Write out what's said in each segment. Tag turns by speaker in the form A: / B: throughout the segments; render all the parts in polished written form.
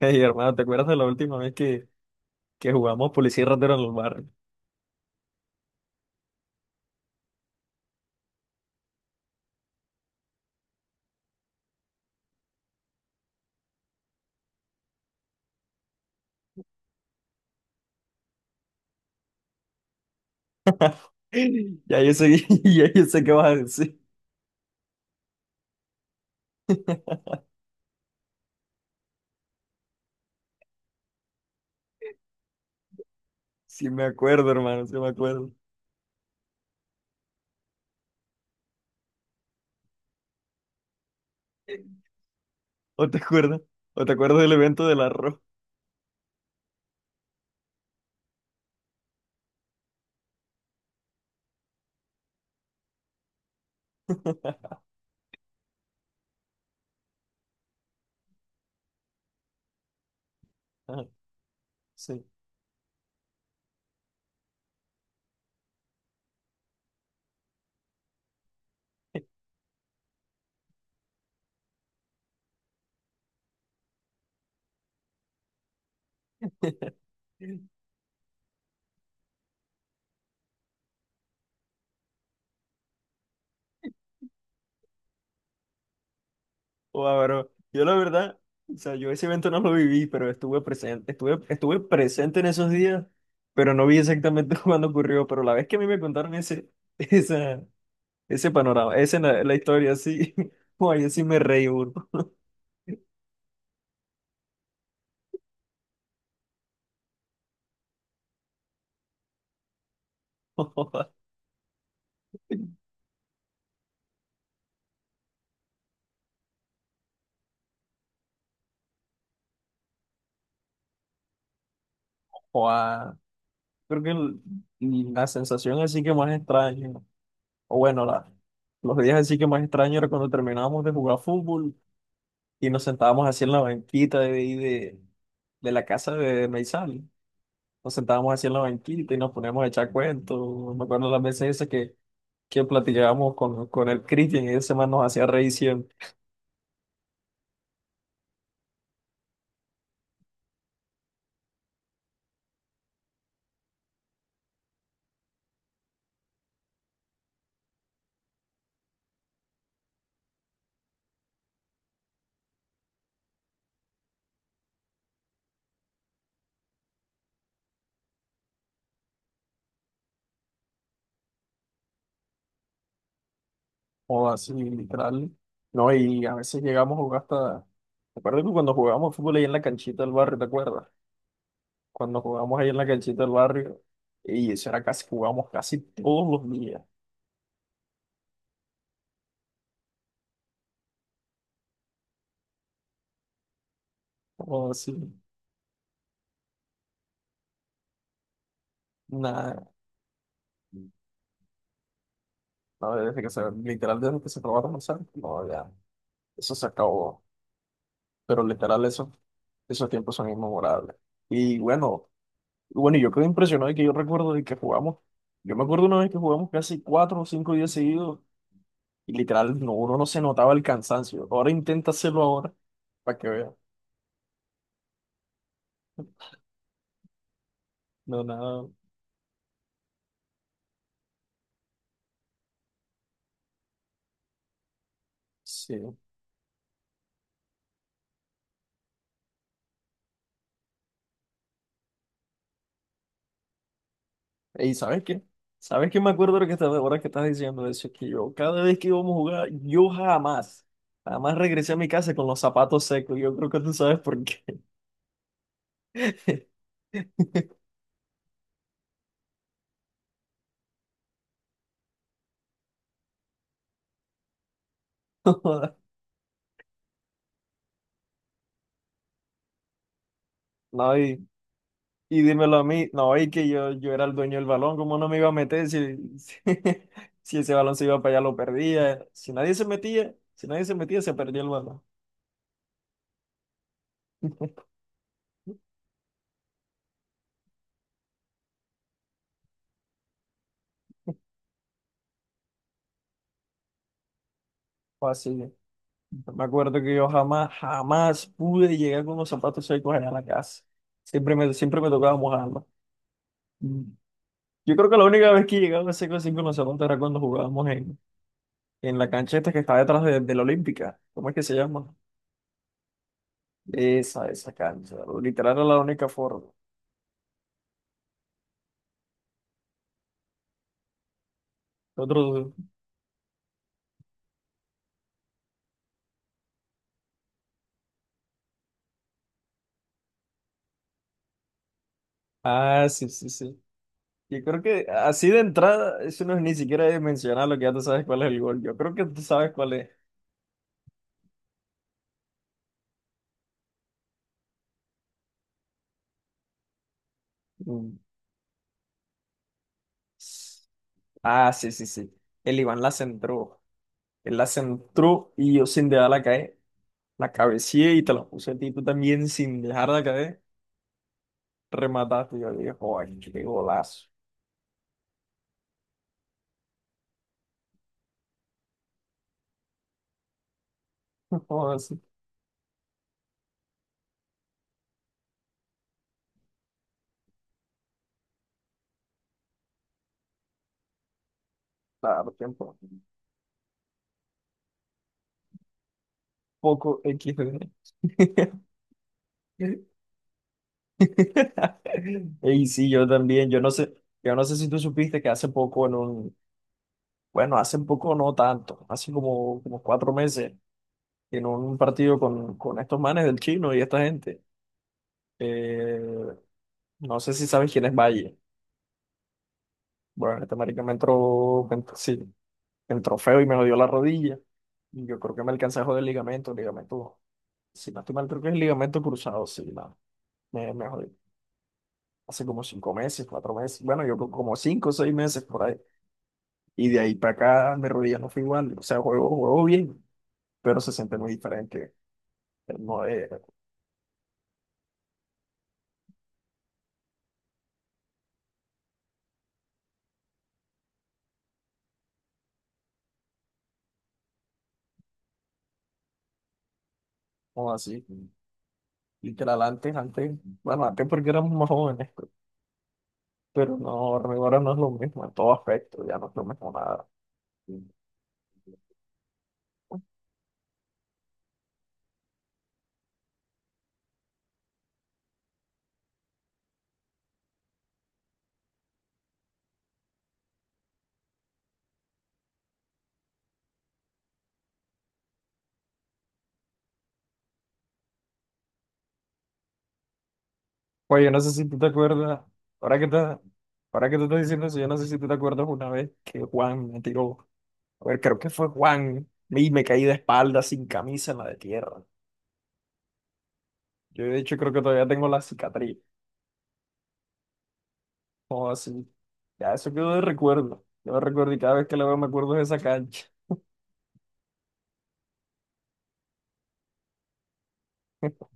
A: Hey, hermano, ¿te acuerdas de la última vez que jugamos policía y ratero en los barrios? Ya yo sé, ya yo sé qué vas a decir. Sí me acuerdo, hermano, sí me acuerdo. ¿O te acuerdas? ¿O te acuerdas del evento del arroz? Sí. Wow, bro. Yo la verdad, o sea, yo ese evento no lo viví, pero estuve presente en esos días, pero no vi exactamente cuándo ocurrió. Pero la vez que a mí me contaron ese, esa, ese panorama, la historia así, guay, así me reí, bro. Joa, creo que la sensación así que más extraña, o bueno, la, los días así que más extraño era cuando terminábamos de jugar fútbol y nos sentábamos así en la banquita de la casa de Meizal. Nos sentábamos así en la banquita y nos poníamos a echar cuentos. Me acuerdo las veces esas que platicábamos con el Cristian, y ese man nos hacía reír siempre, o así, literal. No, y a veces llegamos a jugar hasta. Me acuerdo que cuando jugábamos fútbol ahí en la canchita del barrio, ¿te acuerdas? Cuando jugamos ahí en la canchita del barrio, y eso era casi, jugamos casi todos los días. Como así? Nada, no, desde que se, literal, desde que se probó a almorzar, no, ya, eso se acabó. Pero literal, eso, esos tiempos son inmemorables. Y bueno, y yo quedé impresionado de que yo recuerdo de que jugamos, yo me acuerdo una vez que jugamos casi cuatro o cinco días seguidos, y literal, no, uno no se notaba el cansancio. Ahora intenta hacerlo ahora, para que vean. No, nada, sí. Y ¿sabes qué? ¿Sabes qué me acuerdo de lo que estás, ahora que estás diciendo eso? Que yo, cada vez que íbamos a jugar, yo jamás, jamás regresé a mi casa con los zapatos secos. Yo creo que tú sabes por qué. No, y dímelo a mí. No, y que yo era el dueño del balón. ¿Cómo no me iba a meter si si ese balón se iba para allá, lo perdía? Si nadie se metía, si nadie se metía, se perdía el balón. Fue así. Me acuerdo que yo jamás, jamás pude llegar con los zapatos secos allá a la casa. Siempre me tocaba mojarlos. Mm. Yo creo que la única vez que llegaba seco así con los zapatos era cuando jugábamos en la cancha esta que está detrás de la Olímpica. ¿Cómo es que se llama? Esa cancha. Literal era la única forma. Otro... Ah, sí, sí, sí. Yo creo que así de entrada, eso no es ni siquiera de mencionar, lo que ya tú sabes cuál es el gol. Yo creo que tú sabes cuál es. Mm. Ah, sí, sí, sí. El Iván la centró. Él la centró y yo, sin dejarla caer, la cabeceé y te la puse a ti, tú también, sin dejarla caer, remataste. Yo dije, joder, qué golazo. Joder, sí, claro, tiempo. Poco XD. Y sí, yo también, yo no sé si tú supiste que hace poco en un, bueno, hace poco no tanto, hace como, como cuatro meses, en un partido con estos manes del chino y esta gente, eh, no sé si sabes quién es Valle. Bueno, este marica me entró, sí, me entró feo y me lo dio la rodilla. Y yo creo que me alcancé a joder el ligamento, el ligamento. Si no estoy mal, creo que es el ligamento cruzado, sí, no. Me jodí. Hace como cinco meses, cuatro meses. Bueno, yo creo como cinco o seis meses por ahí. Y de ahí para acá, mi rodilla no fue igual. O sea, juego, juego bien, pero se siente muy diferente. No es no así. Literal, antes, antes, bueno, antes porque éramos más jóvenes, pero no, ahora no es lo mismo en todo aspecto, ya no es lo mismo nada. Oye, yo no sé si tú te acuerdas, ahora que te estoy diciendo eso, yo no sé si tú te acuerdas una vez que Juan me tiró, a ver, creo que fue Juan, y me caí de espalda sin camisa en la de tierra. Yo de hecho creo que todavía tengo la cicatriz, o así, ya eso quedó de recuerdo, yo me recuerdo y cada vez que la veo me acuerdo de esa cancha.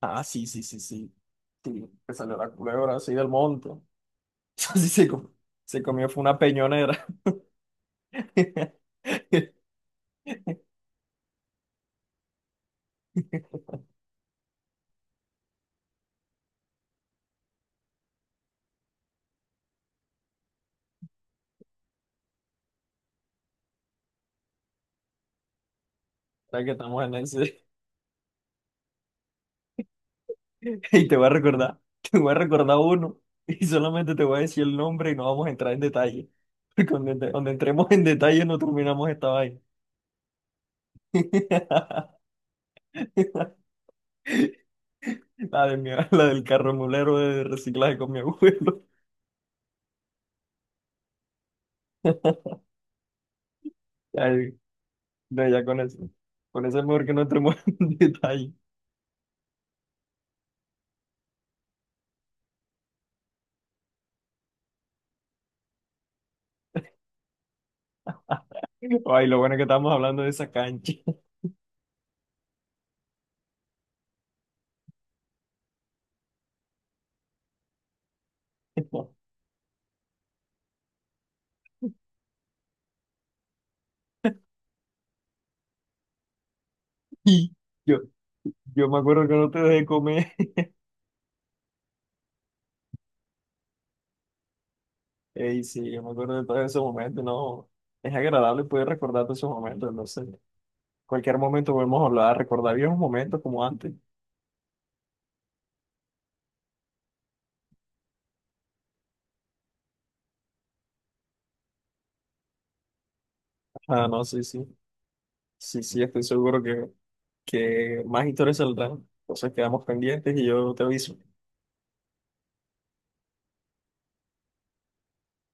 A: Ah, sí, sí, sí, sí, sí, que salió la culebra así del monte, así se comió, fue una peñonera, ahora que estamos en ese. Y te voy a recordar, te voy a recordar uno, y solamente te voy a decir el nombre y no vamos a entrar en detalle. Porque donde, donde entremos en detalle no terminamos esta vaina. La de la del carro mulero de reciclaje con mi abuelo. Ay, no, ya con eso. Con eso es mejor que no entremos en detalle. Ay, lo bueno es que estamos hablando de esa cancha. Y yo, yo me acuerdo que no te dejé comer. Ey, sí, yo me acuerdo de todos esos momentos, no. Es agradable poder recordar todos esos momentos, no sé. Cualquier momento podemos hablar, recordar viejos momentos como antes. Ah, no, sí, sí. Sí, sí, estoy seguro que más historias saldrán. Entonces quedamos pendientes y yo te aviso.